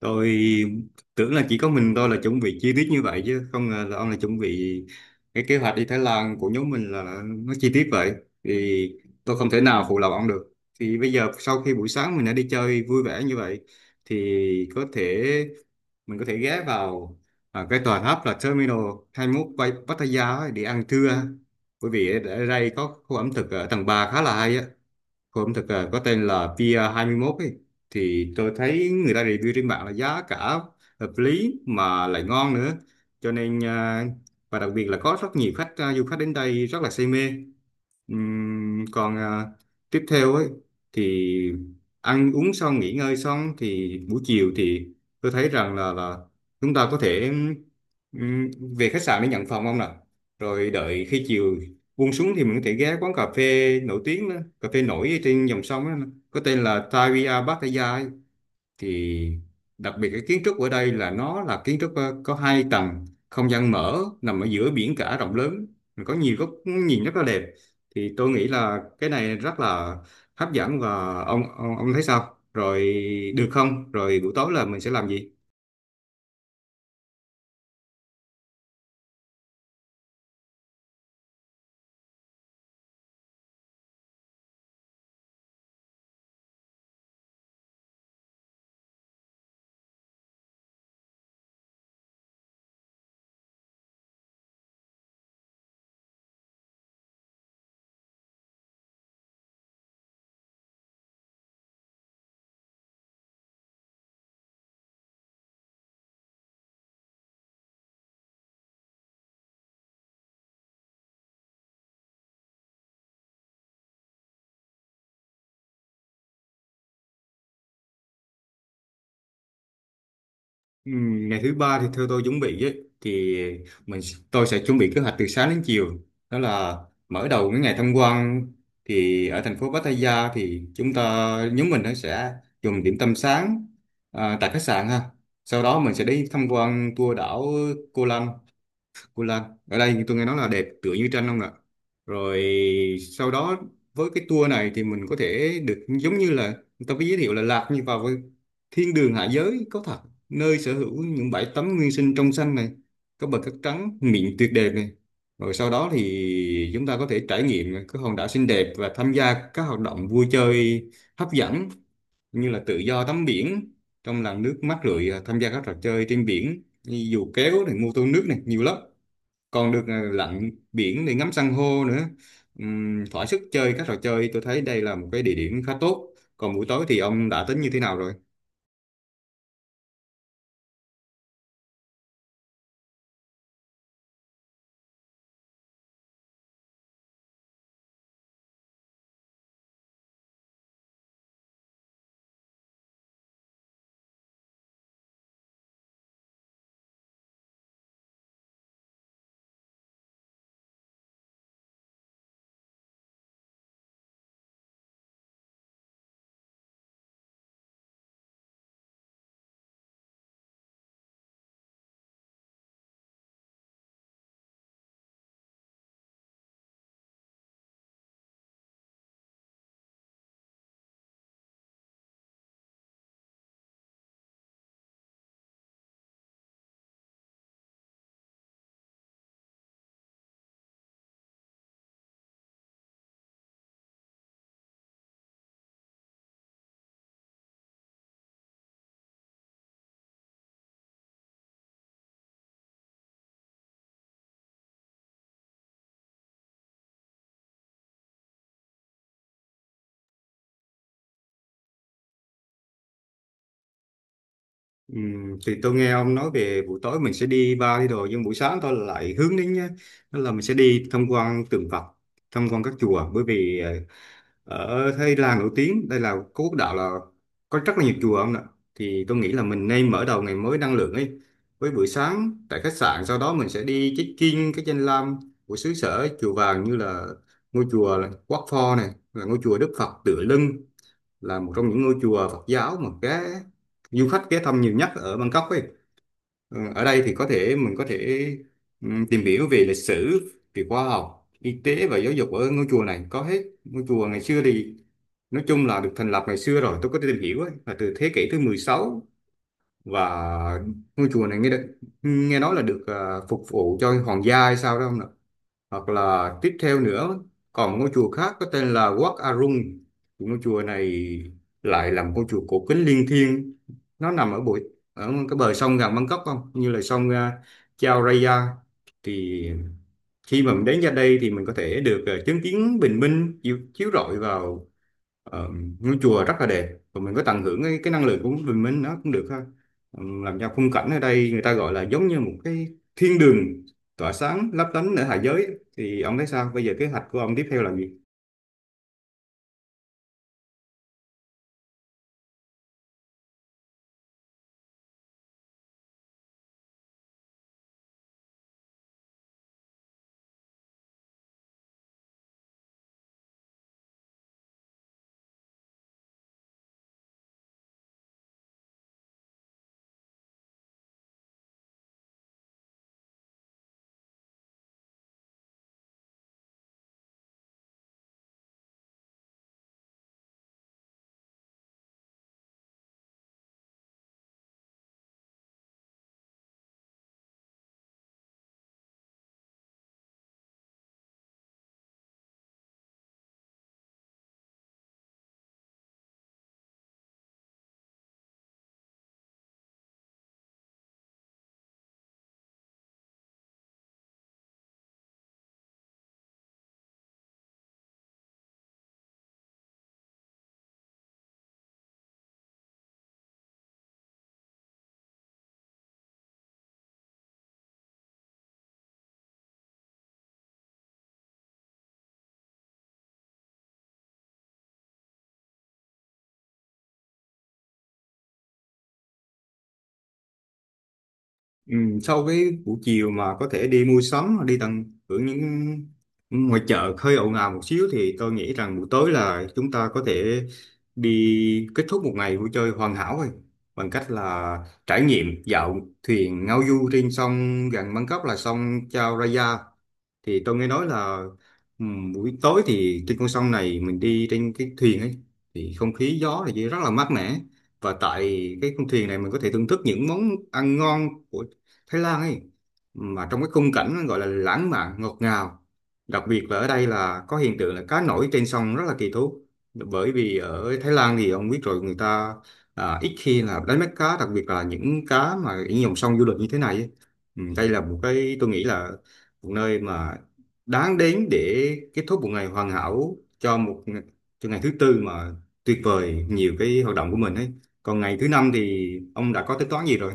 Tôi tưởng là chỉ có mình tôi là chuẩn bị chi tiết như vậy, chứ không ngờ là ông là chuẩn bị cái kế hoạch đi Thái Lan của nhóm mình là nó chi tiết vậy. Thì tôi không thể nào phụ lòng ông được. Thì bây giờ, sau khi buổi sáng mình đã đi chơi vui vẻ như vậy, thì có thể mình có thể ghé vào cái tòa tháp là Terminal 21 Pattaya ấy để ăn trưa, bởi vì ở ở đây có khu ẩm thực ở tầng 3 khá là hay á. Cô ẩm thực có tên là Pier 21 ấy. Thì tôi thấy người ta review trên mạng là giá cả hợp lý mà lại ngon nữa. Cho nên và đặc biệt là có rất nhiều khách, du khách đến đây rất là say mê. Còn tiếp theo ấy thì ăn uống xong, nghỉ ngơi xong thì buổi chiều thì tôi thấy rằng là chúng ta có thể ừm, về khách sạn để nhận phòng không nào, rồi đợi khi chiều buông xuống thì mình có thể ghé quán cà phê nổi tiếng đó, cà phê nổi trên dòng sông đó, có tên là Tavia Pattaya ấy. Thì đặc biệt cái kiến trúc ở đây là nó là kiến trúc, có 2 tầng không gian mở, nằm ở giữa biển cả rộng lớn, có nhiều góc nhìn rất là đẹp. Thì tôi nghĩ là cái này rất là hấp dẫn, và ông thấy sao rồi, được không? Rồi buổi tối là mình sẽ làm gì? Ừ, ngày thứ ba thì theo tôi chuẩn bị ấy, thì mình tôi sẽ chuẩn bị kế hoạch từ sáng đến chiều. Đó là mở đầu cái ngày tham quan thì ở thành phố Pattaya thì chúng ta nhóm mình nó sẽ dùng điểm tâm sáng tại khách sạn ha. Sau đó mình sẽ đi tham quan tour đảo Koh Lanta, Cô Lan. Ở đây thì tôi nghe nói là đẹp tựa như tranh không ạ. Rồi sau đó, với cái tour này thì mình có thể được giống như là người ta có giới thiệu là lạc như vào với thiên đường hạ giới có thật, nơi sở hữu những bãi tắm nguyên sinh trong xanh này, có bờ cát trắng mịn tuyệt đẹp này. Rồi sau đó thì chúng ta có thể trải nghiệm các hòn đảo xinh đẹp và tham gia các hoạt động vui chơi hấp dẫn, như là tự do tắm biển trong làn nước mát rượi, tham gia các trò chơi trên biển như dù kéo này, mô tô nước này, nhiều lắm. Còn được lặn biển để ngắm san hô nữa. Thỏa sức chơi các trò chơi, tôi thấy đây là một cái địa điểm khá tốt. Còn buổi tối thì ông đã tính như thế nào rồi? Thì tôi nghe ông nói về buổi tối mình sẽ đi bar đi đồ, nhưng buổi sáng tôi lại hướng đến nhá, đó là mình sẽ đi tham quan tượng Phật, tham quan các chùa. Bởi vì ở Thái Lan nổi tiếng, đây là có quốc đạo, là có rất là nhiều chùa ông ạ. Thì tôi nghĩ là mình nên mở đầu ngày mới năng lượng ấy. Với buổi sáng tại khách sạn, sau đó mình sẽ đi check-in cái danh lam của xứ sở chùa vàng, như là ngôi chùa là Wat Pho này, là ngôi chùa Đức Phật Tựa Lưng, là một trong những ngôi chùa Phật giáo mà cái du khách ghé thăm nhiều nhất ở Bangkok ấy. Ờ, ở đây thì có thể mình có thể tìm hiểu về lịch sử, về khoa học, y tế và giáo dục, ở ngôi chùa này có hết. Ngôi chùa ngày xưa thì nói chung là được thành lập ngày xưa rồi, tôi có tìm hiểu ấy, là từ thế kỷ thứ 16. Và ngôi chùa này nghe nói là được phục vụ cho hoàng gia hay sao đó không. Hoặc là tiếp theo nữa, còn ngôi chùa khác có tên là Wat Arun. Ngôi chùa này lại là một ngôi chùa cổ kính linh thiêng, nó nằm ở ở cái bờ sông gần Bangkok, không như là sông Chao Phraya. Thì khi mà mình đến ra đây thì mình có thể được chứng kiến bình minh chiếu rọi vào. Ờ, ngôi chùa rất là đẹp và mình có tận hưởng cái năng lượng của mình nó cũng được ha. Ờ, làm cho khung cảnh ở đây người ta gọi là giống như một cái thiên đường tỏa sáng lấp lánh ở hạ giới. Thì ông thấy sao, bây giờ kế hoạch của ông tiếp theo là gì? Ừ, sau cái buổi chiều mà có thể đi mua sắm hoặc đi tận hưởng những ngoài chợ hơi ồn ào một xíu, thì tôi nghĩ rằng buổi tối là chúng ta có thể đi kết thúc một ngày vui chơi hoàn hảo rồi, bằng cách là trải nghiệm dạo thuyền ngao du trên sông gần Bangkok là sông Chao Phraya. Thì tôi nghe nói là buổi tối thì trên con sông này mình đi trên cái thuyền ấy thì không khí gió thì rất là mát mẻ. Và tại cái con thuyền này mình có thể thưởng thức những món ăn ngon của Thái Lan ấy, mà trong cái khung cảnh gọi là lãng mạn ngọt ngào. Đặc biệt là ở đây là có hiện tượng là cá nổi trên sông rất là kỳ thú, bởi vì ở Thái Lan thì ông biết rồi, người ta ít khi là đánh bắt cá, đặc biệt là những cá mà những dòng sông du lịch như thế này ấy. Ừ, đây là một cái tôi nghĩ là một nơi mà đáng đến để kết thúc một ngày hoàn hảo cho cho ngày thứ tư mà tuyệt vời, nhiều cái hoạt động của mình ấy. Còn ngày thứ năm thì ông đã có tính toán gì rồi?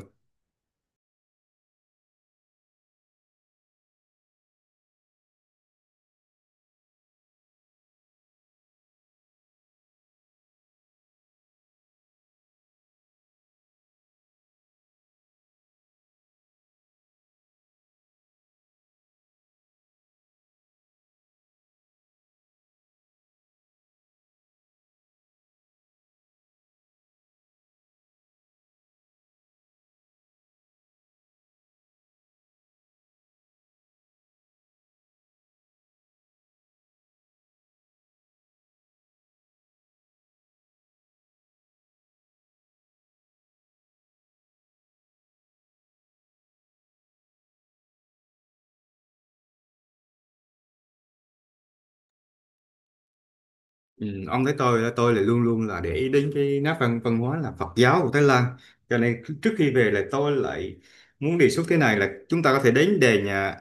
Ừ, ông thấy tôi là luôn luôn là để ý đến cái nét văn văn hóa là Phật giáo của Thái Lan, cho nên trước khi về là tôi lại muốn đề xuất thế này, là chúng ta có thể đến đền nhà,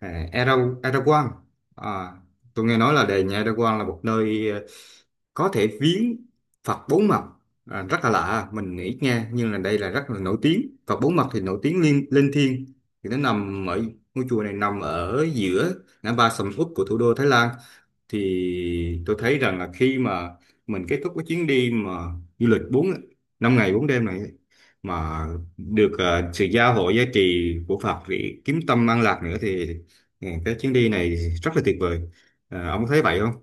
à, Erdogan. À, tôi nghe nói là đền nhà Erdogan là một nơi có thể viếng Phật bốn mặt. À, rất là lạ mình nghĩ nghe, nhưng là đây là rất là nổi tiếng. Phật bốn mặt thì nổi tiếng liên linh thiêng. Thì nó nằm ở ngôi chùa này nằm ở giữa ngã ba sầm uất của thủ đô Thái Lan. Thì tôi thấy rằng là khi mà mình kết thúc cái chuyến đi mà du lịch 5 ngày 4 đêm này ấy, mà được sự gia hộ giá trị của Phật để kiếm tâm an lạc nữa, thì ừ, cái chuyến đi này rất là tuyệt vời. Ờ, ông có thấy vậy không?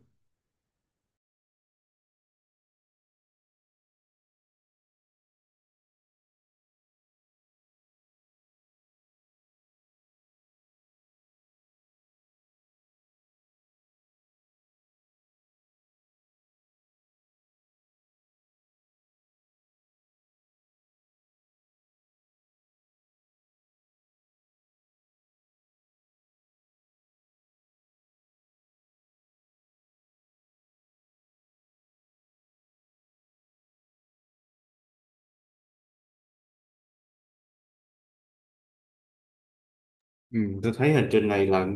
Ừ, tôi thấy hành trình này là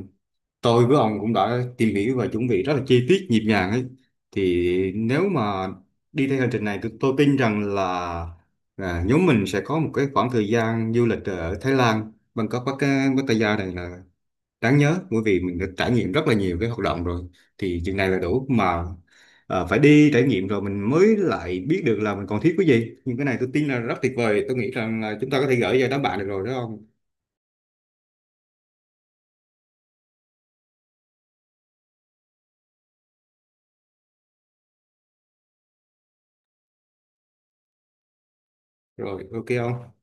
tôi với ông cũng đã tìm hiểu và chuẩn bị rất là chi tiết nhịp nhàng ấy. Thì nếu mà đi theo hành trình này, tôi tin rằng là nhóm mình sẽ có một cái khoảng thời gian du lịch ở Thái Lan Bangkok Pattaya Pattaya này là đáng nhớ, bởi vì mình đã trải nghiệm rất là nhiều cái hoạt động rồi. Thì chừng này là đủ mà, phải đi trải nghiệm rồi mình mới lại biết được là mình còn thiếu cái gì. Nhưng cái này tôi tin là rất tuyệt vời, tôi nghĩ rằng là chúng ta có thể gửi cho đám bạn được rồi đó ông. Rồi, ok không?